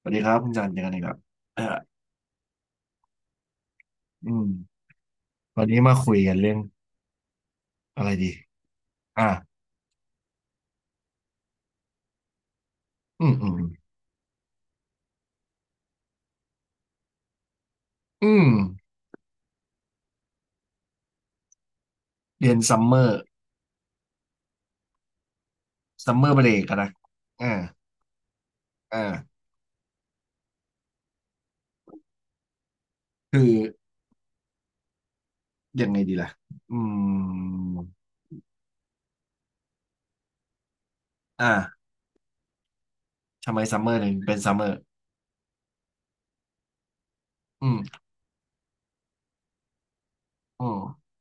สวัสดีครับคุณจันเจอกันอีกแล้วเอออืมวันนี้มาคุยกันเรื่องอะไรดีอ่ะอืมอืมอืมเรียนซัมเมอร์ซัมเมอร์เบรกนะอ่าอ่าคือยังไงดีล่ะอืมอ่าทำไมซัมเมอร์ถึงเป็นซัมเมอร์อืมอืม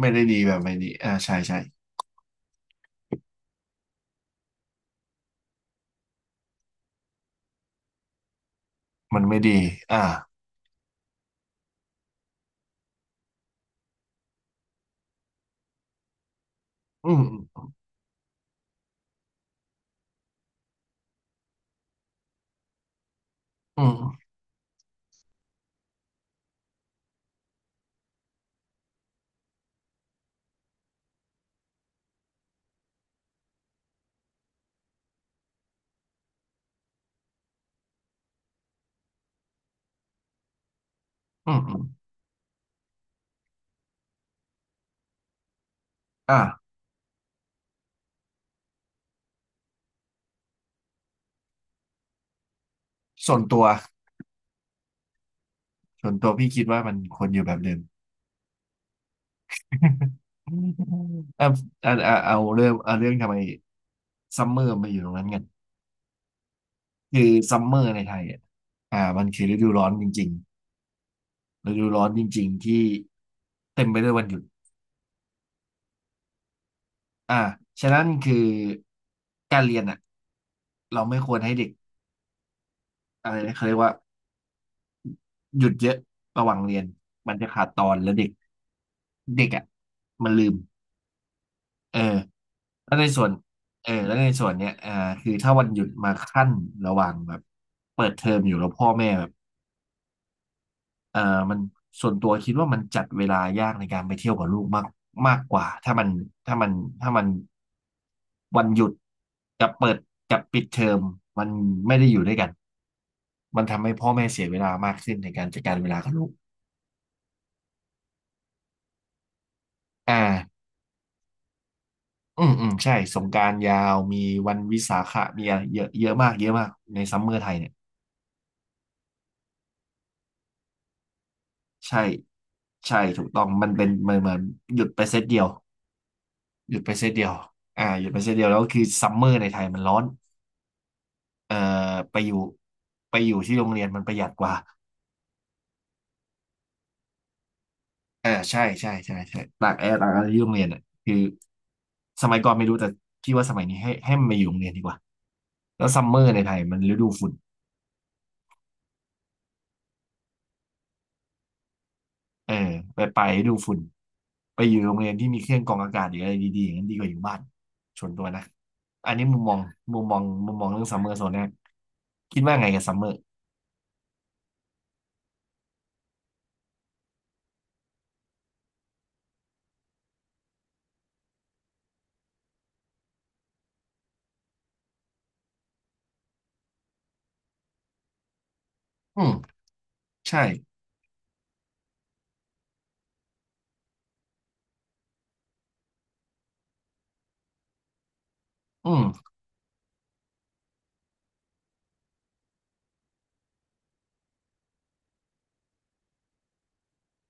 ไม่ได้ดีแบบไม่ดีอ่าใช่ใช่ มันไม่ดีอ่าอืมอืมอืมอืมอมอ่าส่วนตัวพี่คิดว่ามันควรอยู่แบบเดิม อ่ะอ่ะอ่ะเอาเรื่องทำไม ซัมเมอร์มาอยู่ตรงนั้นกันคือซัมเมอร์ในไทยอ่ะอ่ามันคือฤดูร้อนจริงๆฤดูร้อนจริงๆ ที่เต็มไปด้วยวันหยุดอ่าฉะนั้นคือการเรียนอ่ะเราไม่ควรให้เด็กอะไรนะเขาเรียกว่าหยุดเยอะระหว่างเรียน มันจะขาดตอนแล้วเด็กเด็กอ่ะมันลืมเออแล้วในส่วนเออแล้วในส่วนเนี้ยอ่าคือถ้าวันหยุดมาขั้นระหว่างแบบเปิดเทอมอยู่แล้วพ่อแม่แบบ เอ่อมันส่วนตัวคิดว่ามันจัดเวลายากในการไปเที่ยวกับลูกมากมากกว่าถ้ามันถ้ามันวันหยุดกับเปิดกับปิดเทอมมันไม่ได้อยู่ด้วยกันมันทำให้พ่อแม่เสียเวลามากขึ้นในการจัดการเวลากับลูกอ่าอืมอืมใช่สงกรานต์ยาวมีวันวิสาขะมีอะไรเยอะเยอะมากเยอะมากในซัมเมอร์ไทยเนี่ยใช่ใช่ถูกต้องมันเป็นเหมือนเหมือนหยุดไปเซตเดียวหยุดไปเซตเดียวอ่าหยุดไปเซตเดียวแล้วคือซัมเมอร์ในไทยมันร้อน เอ่อไปอยู่ไปอยู่ที่โรงเรียนมันประหยัดกว่าอ่าใช่ใช่ใช่ใช่ตากแอร์ตากอะไรที่โรงเรียนอ่ะคือสมัยก่อนไม่รู้แต่พี่ว่าสมัยนี้ให้มันมาอยู่โรงเรียนดีกว่าแล้วซัมเมอร์ในไทยมันฤดูฝุ่นเออไปฤดูฝุ่นไปอยู่โรงเรียนที่มีเครื่องกรองอากาศหรืออะไรดีๆอย่างนั้นดีกว่าอยู่บ้านชวนตัวนะอันนี้มุมมองมุมมองเรื่องซัมเมอร์โซนแรกคิดว่าไงกับซัมเมอร์อืมใช่อืม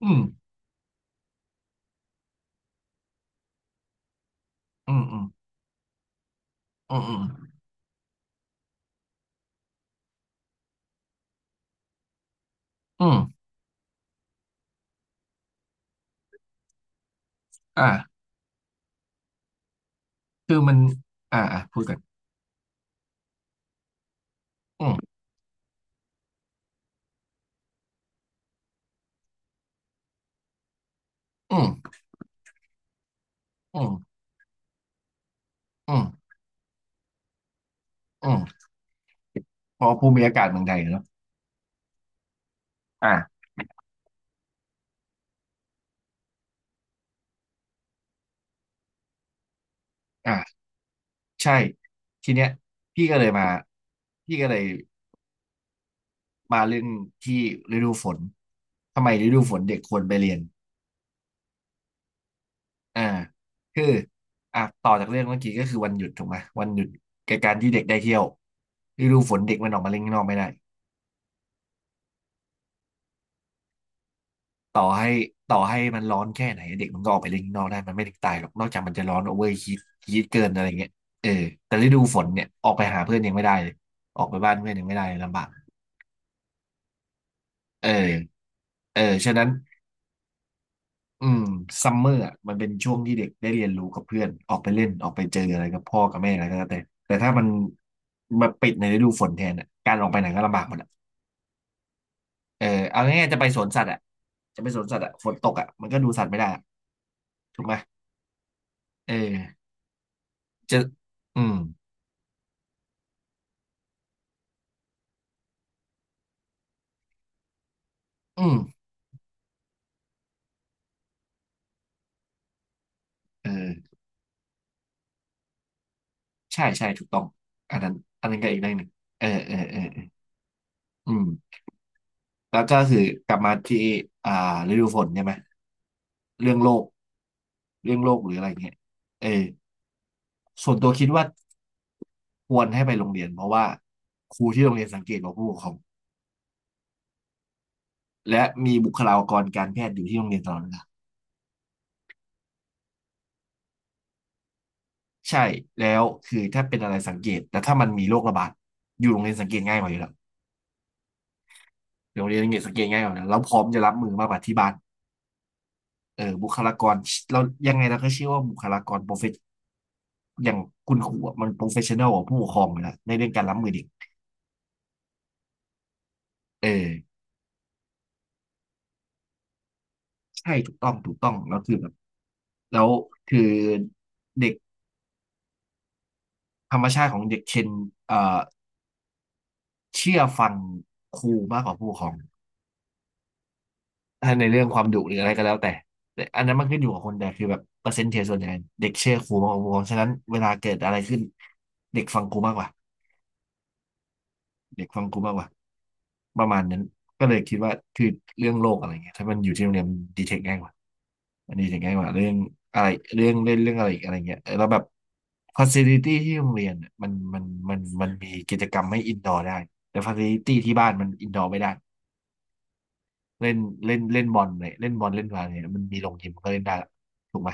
อืมอืมอืมอืมอืมอืมอ่าคือมันอ่าอ่าพูดกัน อืมอืมอืมอืมอืมเพอภูมิอากาศเมืองไทยเนอะอ่าอ่าใช่ทีเนี้ยพี่ก็เลยมาพี่ก็เลยมาเรื่องที่ฤดูฝนทำไมฤดูฝนเด็กควรไปเรียนอ่าคืออ่ะต่อจากเรื่องเมื่อกี้ก็คือวันหยุดถูกไหมวันหยุดแกัการที่เด็กได้เที่ยวฤดูฝนเด็กมันออกมาเล่นข้างนอกไม่ได้ ต่อให้ต่อให้มันร้อนแค่ไหนเด็กมันก็ออกไปเล่นข้างนอกได้มันไม่ถึงตายหรอกนอกจากมันจะร้อนโอเวอร์ฮีทฮีทเกินอะไรเงี้ยเออแต่ฤดูฝนเนี่ยออกไปหาเพื่อนยังไม่ได้เลยออกไปบ้านเพื่อนยังไม่ได้เลยลำบากเออเออฉะนั้นอืมซัมเมอร์มันเป็นช่วงที่เด็กได้เรียนรู้กับเพื่อนออกไปเล่นออกไปเจออะไรกับพ่อกับแม่อะไรก็แล้วแต่แต่ถ้ามันมาปิดในฤดูฝนแทนอ่ะการออกไปไหนก็ลำบากหมดอ่ะเออเอาง่ายๆจะไปสวนสัตว์อ่ะฝนตกอ่ะมันก็ดูสัตว์ไม่ได้อะถูกไหมเออจะอืมอืม เออใช่ใช่ถูกต้องอันนั้นอันนั้นก็อีกเรื่องหนึ่งเออเออเออเอออืมแล้วก็คือกลับมาที่อ่าฤดูฝนใช่ไหมเรื่องโลกหรืออะไรเงี้ยเออส่วนตัวคิดว่าควรให้ไปโรงเรียนเพราะว่าครูที่โรงเรียนสังเกตว่าผู้ปกครองและมีบุคลากรการแพทย์อยู่ที่โรงเรียนตลอดเวลาใช่แล้วคือถ้าเป็นอะไรสังเกตแต่ถ้ามันมีโรคระบาดอยู่โรงเรียนสังเกตง่ายกว่าอยู่แล้วโรงเรียนสังเกตง่ายกว่าอยู่แล้วแล้วพร้อมจะรับมือมากกว่าที่บ้าน เออบุคลากรเรายังไงเราก็เชื่อว่าบุคลากรโปรเฟชอย่างคุณครูอะโปรเฟชชั่นอลกว่าผู้ปกครองเลยนะในเรื่องการรับมือเด็กเออใช่ถูกต้องถูกต้องแล้วคือแบบแล้วคือเด็กธรรมชาติของเด็กเชนเอ่อเชื่อฟังครูมากกว่าผู้ปกครองถ้าในเรื่องความดุหรืออะไรก็แล้วแต่แต่อันนั้นมันขึ้นอยู่กับคนแต่คือแบบเปอร์เซ็นต์เทส่วนใหญ่เด็กเชื่อครูมากกว่าผู้ปกครองฉะนั้นเวลาเกิดอะไรขึ้นเด็กฟังครูมากกว่าเด็กฟังครูมากกว่า ประมาณนั้นก็เลยคิดว่าคือเรื่องโลกอะไรเงี้ยถ้ามันอยู่ที่โรงเรียนดีเทคง่ายกว่ามันดีเทคง่ายกว่าเรื่องอะไรเรื่องเล่นเรื่องอะไรอีกอะไรเงี้ยเแล้วแบบฟัซิลิตี้ที่โรงเรียนเนี่ยมันมีกิจกรรมให้อินดอร์ได้แต่ฟัซิลิตี้ที่บ้านมันอินดอร์ไม่ได้เล่นเล่นเล่นบอลเนี่ยเล่นบอลเล่นบาสเนี่ยมันมีโรงยิมก็เล่นได้ละถูกไหม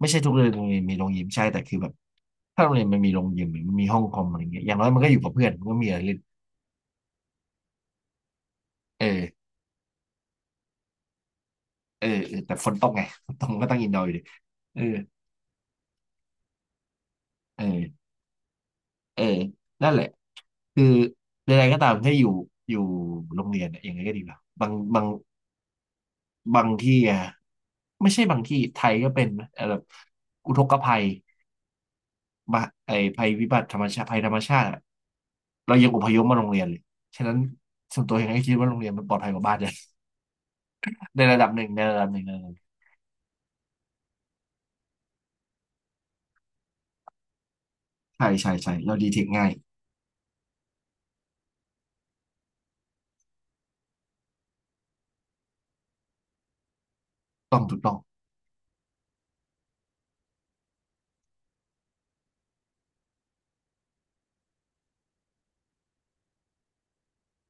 ไม่ใช่ทุกโรงเรียนมีโรงยิมใช่แต่คือแบบถ้าโรงเรียนมันมีโรงยิมหรือมันมีห้องคอมอะไรเงี้ยอย่างน้อยมันก็อยู่กับเพื่อนมันก็มีอะไรเล่นเออ เออแต่ฝนตกไงฝนตกมันก็ต้องอินดอร์อยู่ดีเออเออเออนั่นแหละคือใดๆก็ตามถ้าอยู่อยู่โรงเรียนเนี่ยยังไงก็ดีกว่าบางที่อะไม่ใช่บางที่ไทยก็เป็นนะแบบอุทกภัยมาไอภัยวิบัติธรรมชาติภัยธรรมชาติอะเรายังอพยพมาโรงเรียนเลยฉะนั้นส่วนตัวยังไงคิดว่าโรงเรียนมันปลอดภัยกว่าบ้านเลย ในระดับหนึ่งในระดับหนึ่งในระดับหนึ่งใช่ใช่ใช่เราดีเทคง่ายต้องถูกต้อง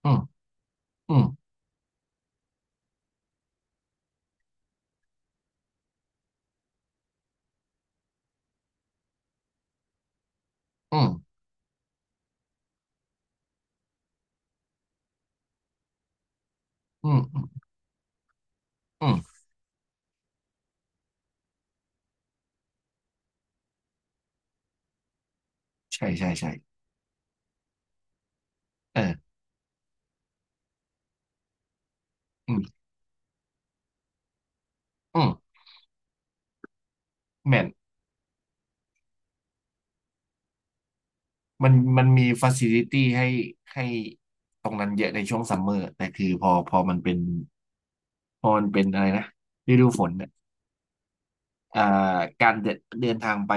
อืมอืมอืมอืมอืมอืม ใช่ใช่ใช่เอออืมอืมแมนมันมันมีฟ a ซิลิตี้ให้ให้ตรงนั้นเยอะในช่วงซัมเมอร์แต่คือพอมันเป็นพอมันเป็นอะไรนะฤดูฝนเนี่ยอ่าการเดินเดินทางไป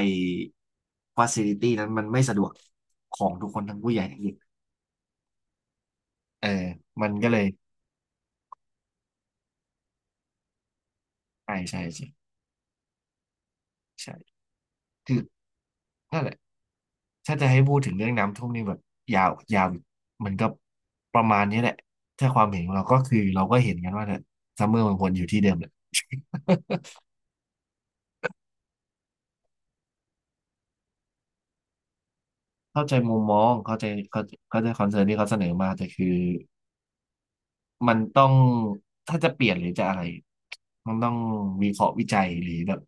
ฟ a ซิลิตี้นั้นมันไม่สะดวกของทุกคนทั้งผู้ใหญ่ทั้งเด็กเออมันก็เลยใช่ใช่ใช่ใช่คือนั่นแหละถ้าจะให้พูดถึงเรื่องน้ำท่วมนี่แบบยาวมันก็ประมาณนี้แหละถ้าความเห็นของเราก็คือเราก็เห็นกันว่าเนี่ยซัมเมอร์มันวนอยู่ที่เดิมแหละ เข้าใจมุมมองเข้าใจเข้าเข้าใจคอนเซิร์นที่เขาเสนอมาแต่คือมันต้องถ้าจะเปลี่ยนหรือจะอะไรมันต้องวิเคราะห์วิจัยหรือแบบ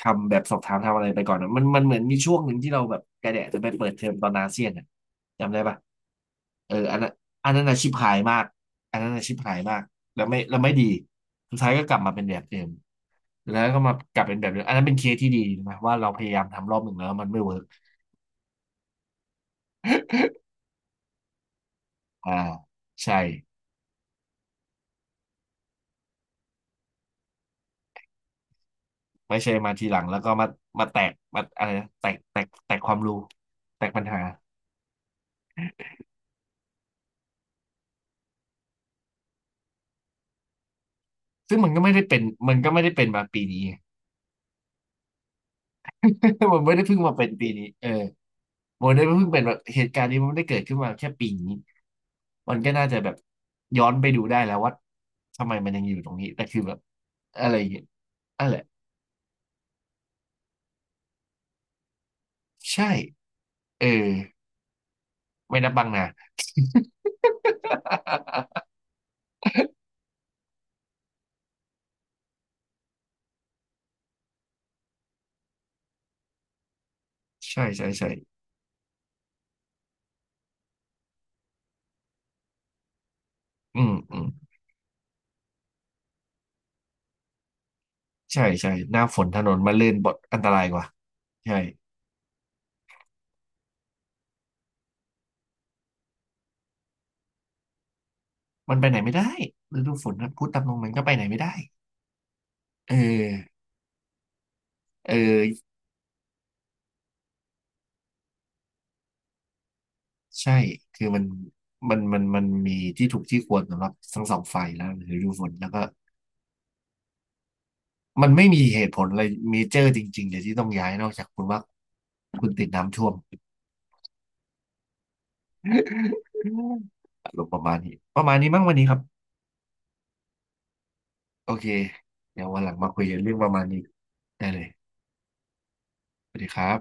ทำแบบสอบถามทำอะไรไปก่อนอะมันมันเหมือนมีช่วงหนึ่งที่เราแบบกระแดะจะไปเปิดเทอมตอนอาเซียนอะจำได้ปะเอออันนั้นอันนั้นอาชิบหายมากอันนั้นอาชิบหายมากแล้วไม่แล้วไม่ดีสุดท้ายก็กลับมาเป็นแบบเดิมแล้วก็มากลับเป็นแบบเดิมอันนั้นเป็นเคสที่ดีนะว่าเราพยายามทำรอบหนึ่งแล้วมันไม่เวิร์กอ่าใช่ ไม่ใช่มาทีหลังแล้วก็มามาแตกมาอะไรนะแตกความรู้แตกปัญหาซึ่งมันก็ไม่ได้เป็นมันก็ไม่ได้เป็นมาปีนี้ มันไม่ได้เพิ่งมาเป็นปีนี้เออมันไม่ได้เพิ่งเป็นแบบเหตุการณ์นี้มันไม่ได้เกิดขึ้นมาแค่ปีนี้มันก็น่าจะแบบย้อนไปดูได้แล้วว่าทำไมมันยังอยู่ตรงนี้แต่คือแบบอะไรอย่างเงี้ยนั่นแหละใช่เออไม่นับบังนา ใช่ใช่ใช่อืมใช่ใช่หน้าฝนถนนมันลื่นบดอันตรายกว่าใช่ มันไปไหนไม่ได้ฤดูฝนนะพูดตามตรงมันก็ไปไหนไม่ได้เออเออใช่คือมันมันมีที่ถูกที่ควรสำหรับทั้งสองฝ่ายแล้วหรือดูฝนแล้วก็มันไม่มีเหตุผลอะไรเมเจอร์จริงๆเดี๋ยวที่ต้องย้ายนอกจากคุณว่าคุณติดน้ำท่วมอารมณ์ประมาณนี้ประมาณนี้มั้งวันนี้ครับโอเคเดี๋ยววันหลังมาคุยกันเรื่องประมาณนี้ได้เลยสวัสดีครับ